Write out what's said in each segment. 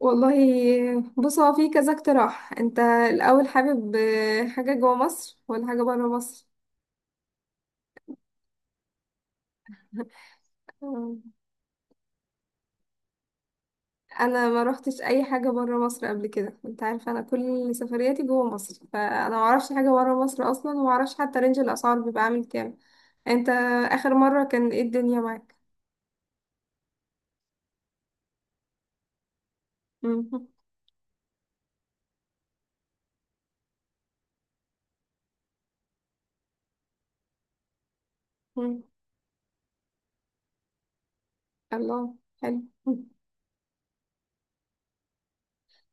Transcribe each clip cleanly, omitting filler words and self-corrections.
والله. بص، هو في كذا اقتراح. انت الاول حابب، حاجه جوه مصر ولا حاجه بره مصر؟ آه، انا ما روحتش اي حاجه بره مصر قبل كده. انت عارفه انا كل سفرياتي جوه مصر، فانا ما اعرفش حاجه بره مصر اصلا، وما اعرفش حتى رينج الاسعار بيبقى عامل كام. انت اخر مره كان ايه الدنيا معاك؟ مم. مم. الله، حلو. مم.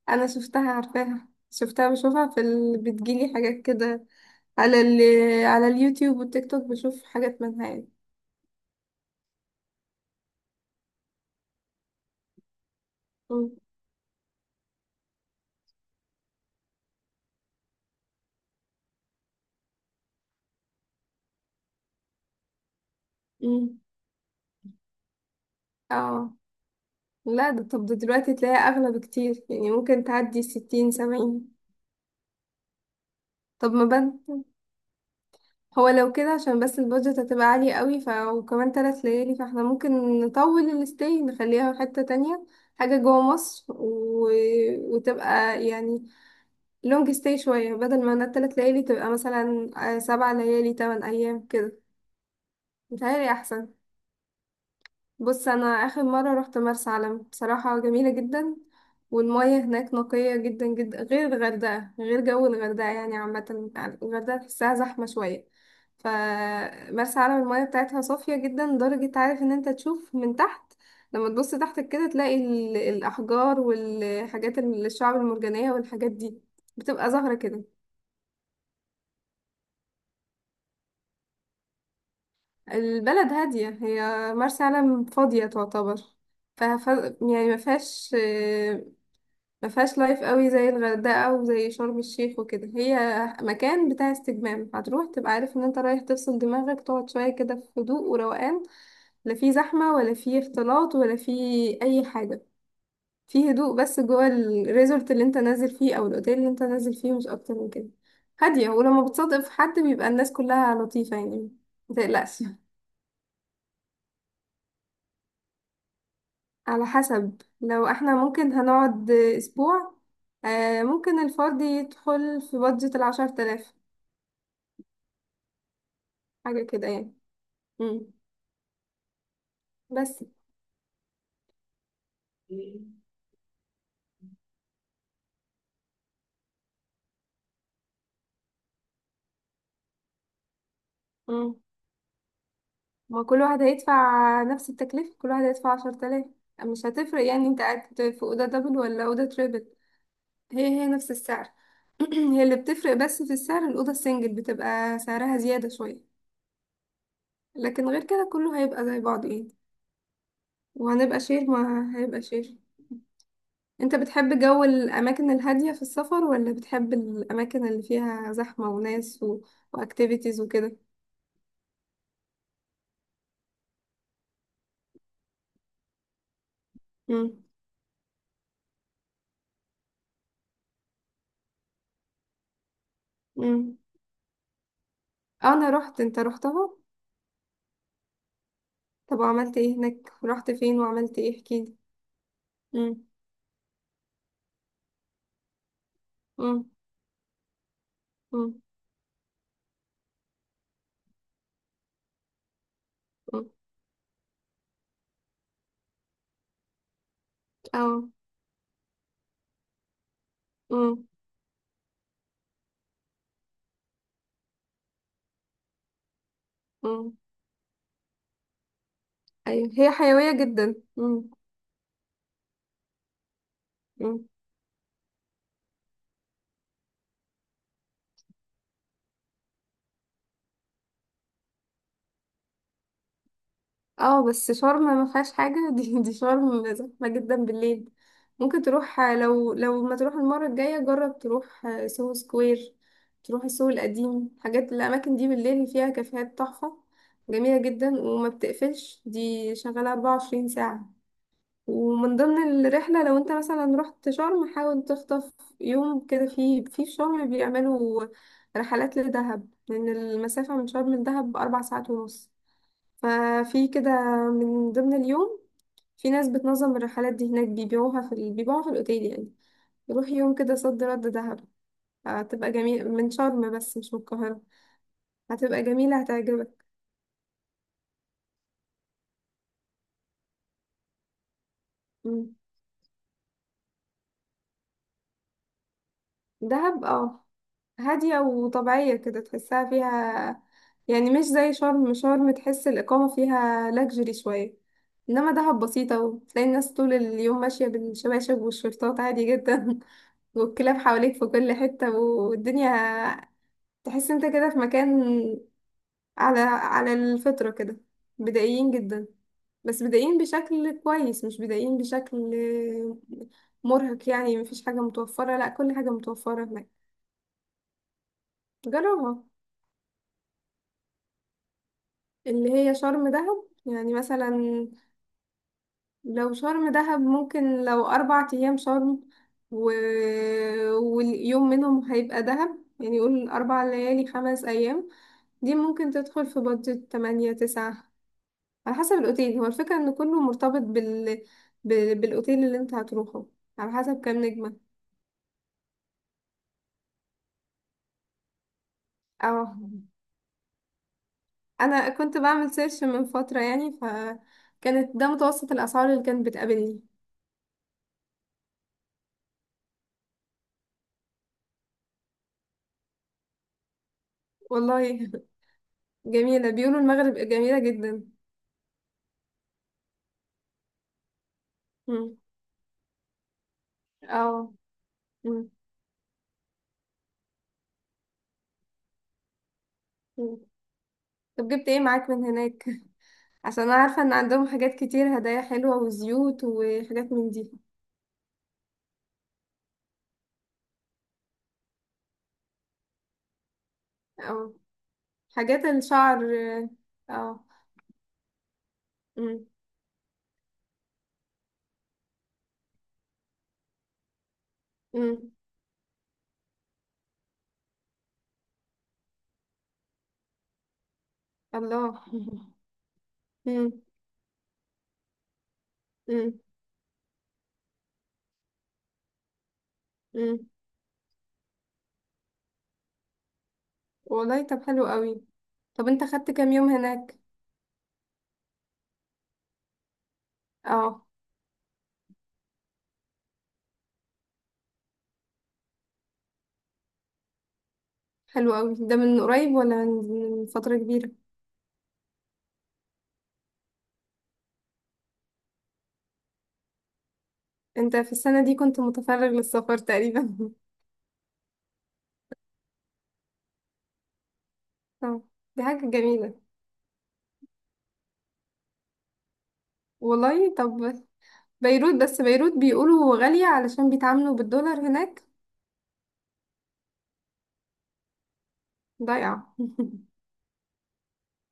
انا شفتها، عارفاها، شفتها، بشوفها في بتجيلي حاجات كده على على اليوتيوب والتيك توك، بشوف حاجات منها يعني. مم. مم. اه. لا، ده طب ده دلوقتي تلاقيها اغلى بكتير، يعني ممكن تعدي 60 70. طب ما بد هو لو كده، عشان بس البادجت هتبقى عالية قوي، ف وكمان 3 ليالي، فاحنا ممكن نطول الستي، نخليها في حتة تانية. حاجة جوه مصر وتبقى يعني لونج ستي شوية، بدل ما انا ال3 ليالي تبقى مثلا 7 ليالي 8 أيام كده. متهيألي أحسن. بص، انا اخر مره رحت مرسى علم، بصراحه جميله جدا. والمياه هناك نقيه جدا جدا، غير الغردقه، غير جو الغردقه يعني عامه. الغردقه تحسها زحمه شويه. فمرسى علم المياه بتاعتها صافيه جدا، لدرجه عارف ان انت تشوف من تحت. لما تبص تحتك كده تلاقي الاحجار والحاجات، الشعب المرجانيه والحاجات دي بتبقى ظاهره كده. البلد هاديه، هي مرسى علم فاضيه تعتبر. فف... يعني ما فيهاش لايف قوي زي الغردقه وزي شرم الشيخ وكده. هي مكان بتاع استجمام، هتروح تبقى عارف ان انت رايح تفصل دماغك، تقعد شويه كده في هدوء وروقان. لا في زحمه، ولا في اختلاط، ولا في اي حاجه. في هدوء بس جوه الريزورت اللي انت نازل فيه او الاوتيل اللي انت نازل فيه، مش اكتر من كده. هاديه، ولما بتصادق في حد بيبقى الناس كلها لطيفه يعني. متقلقش. على حسب، لو احنا ممكن هنقعد اسبوع، ممكن الفرد يدخل في بادجت ال10 تلاف. حاجة كده يعني. مم. بس. مم. ما كل واحد هيدفع نفس التكلفة، كل واحد هيدفع 10 آلاف. مش هتفرق يعني انت قاعد في أوضة دبل ولا أوضة تريبل. هي هي نفس السعر. هي اللي بتفرق بس في السعر، الأوضة السنجل بتبقى سعرها زيادة شوية. لكن غير كده كله هيبقى زي بعض يعني. وهنبقى شير، ما هيبقى شير. انت بتحب جو الأماكن الهادية في السفر ولا بتحب الأماكن اللي فيها زحمة وناس وأكتيفيتيز وكده؟ مم. مم. انا رحت، انت رحتها؟ طب وعملت ايه هناك، رحت فين وعملت ايه، احكيلي. امم. امم. امم. امم. اه. امم. امم. ايوه، هي حيوية جدا. امم. امم. اه بس شرم ما فيهاش حاجة. دي شرم زحمة جدا بالليل. ممكن تروح، لو ما تروح المرة الجاية جرب تروح سوهو سكوير، تروح السوق القديم. حاجات الأماكن دي بالليل فيها كافيهات تحفة، جميلة جدا. وما بتقفلش، دي شغالة 24 ساعة. ومن ضمن الرحلة، لو انت مثلا رحت شرم، حاول تخطف يوم كده، في شرم بيعملوا رحلات لدهب، لأن المسافة من شرم لدهب 4 ساعات ونص. ففي كده من ضمن اليوم، في ناس بتنظم الرحلات دي هناك، بيبيعوها في الأوتيل يعني. يروح يوم كده صد رد دهب. هتبقى جميلة من شرم، بس مش من القاهرة. هتبقى جميلة، هتعجبك. دهب اه، هادية وطبيعية كده تحسها فيها يعني. مش زي شرم، شرم تحس الإقامة فيها لاكجري شوية. إنما دهب بسيطة، وتلاقي الناس طول اليوم ماشية بالشباشب والشرطات عادي جدا. والكلاب حواليك في كل حتة، والدنيا تحس انت كده في مكان، على الفطرة كده. بدائيين جدا، بس بدائيين بشكل كويس، مش بدائيين بشكل مرهق يعني. مفيش حاجة متوفرة؟ لا، كل حاجة متوفرة هناك. جربها. اللي هي شرم دهب يعني مثلا، لو شرم دهب ممكن، لو 4 أيام شرم و... واليوم منهم هيبقى دهب، يعني يقول 4 ليالي 5 أيام. دي ممكن تدخل في بادجت 8 9، على حسب الأوتيل. هو الفكرة إن كله مرتبط بالأوتيل اللي أنت هتروحه، على حسب كام نجمة. اه، أنا كنت بعمل سيرش من فترة يعني، فكانت ده متوسط الأسعار اللي كانت بتقابلني. والله جميلة، بيقولوا المغرب جميلة جدا. مم. اه. مم. مم. طب جبت ايه معاك من هناك؟ عشان انا عارفة ان عندهم حاجات كتير، هدايا حلوة وزيوت وحاجات من دي. اه، حاجات الشعر. اه. مم. مم. الله. مم. مم. مم. والله طب حلو قوي. طب انت خدت كام يوم هناك؟ اه. حلو قوي. ده من قريب ولا من من فترة كبيرة؟ انت في السنة دي كنت متفرغ للسفر تقريبا. اه. دي حاجة جميلة. والله طب، بيروت. بس بيروت بيقولوا غالية علشان بيتعاملوا بالدولار هناك. ضايعة.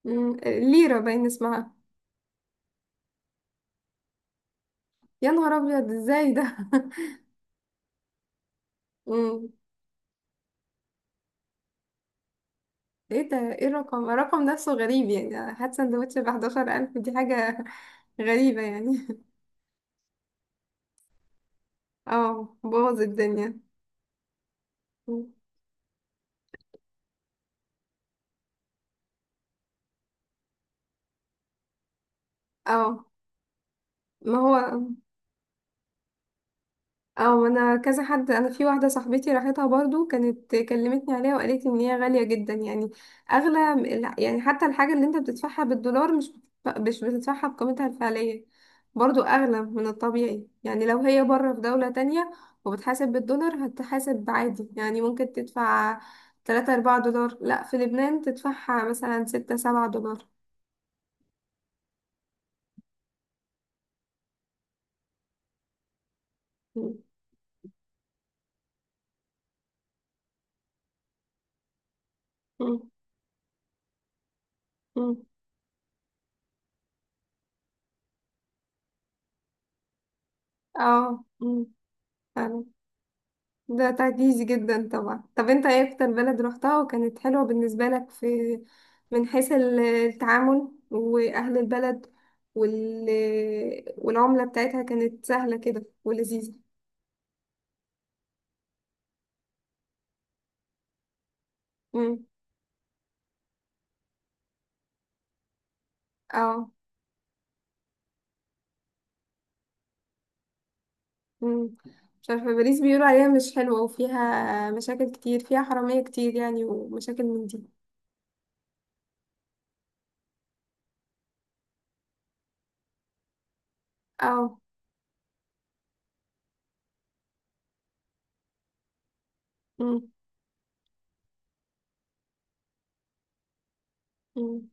أمم، ليرة باين اسمها. يا نهار أبيض، ازاي ده؟ أمم، ايه ده؟ ايه الرقم؟ الرقم نفسه غريب يعني. هات سندوتش ب11 ألف، دي حاجة غريبة يعني. اه، بوظ الدنيا. مم. اه. ما هو. او انا كذا حد، انا في واحده صاحبتي راحتها برضو، كانت كلمتني عليها وقالت لي ان هي غاليه جدا يعني، اغلى لا، يعني حتى الحاجه اللي انت بتدفعها بالدولار مش مش بتدفعها بقيمتها الفعليه. برضو اغلى من الطبيعي يعني. لو هي بره في دوله تانية وبتحاسب بالدولار، هتحاسب عادي، يعني ممكن تدفع 3 4 دولار، لا في لبنان تدفعها مثلا 6 7 دولار. م- م- م. اه، م. ده تعجيزي جدا طبعا. طب انت ايه اكتر بلد روحتها وكانت حلوة بالنسبة لك، في من حيث التعامل واهل البلد وال... والعملة بتاعتها كانت سهلة كده ولذيذة؟ امم. اه. امم. مش عارفة، باريس بيقولوا عليها مش حلوة، وفيها مشاكل كتير، فيها حرامية كتير يعني، ومشاكل من دي. اه. امم.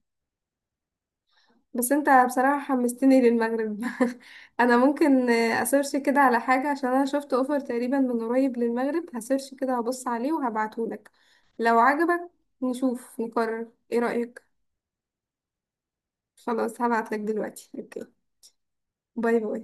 بس انت بصراحة حمستني للمغرب. انا ممكن اسيرش كده على حاجة. عشان انا شفت اوفر تقريبا من قريب للمغرب، هسيرش كده، هبص عليه وهبعتهولك لو عجبك. نشوف نقرر. ايه رأيك؟ خلاص، هبعتلك دلوقتي. اوكي، باي باي.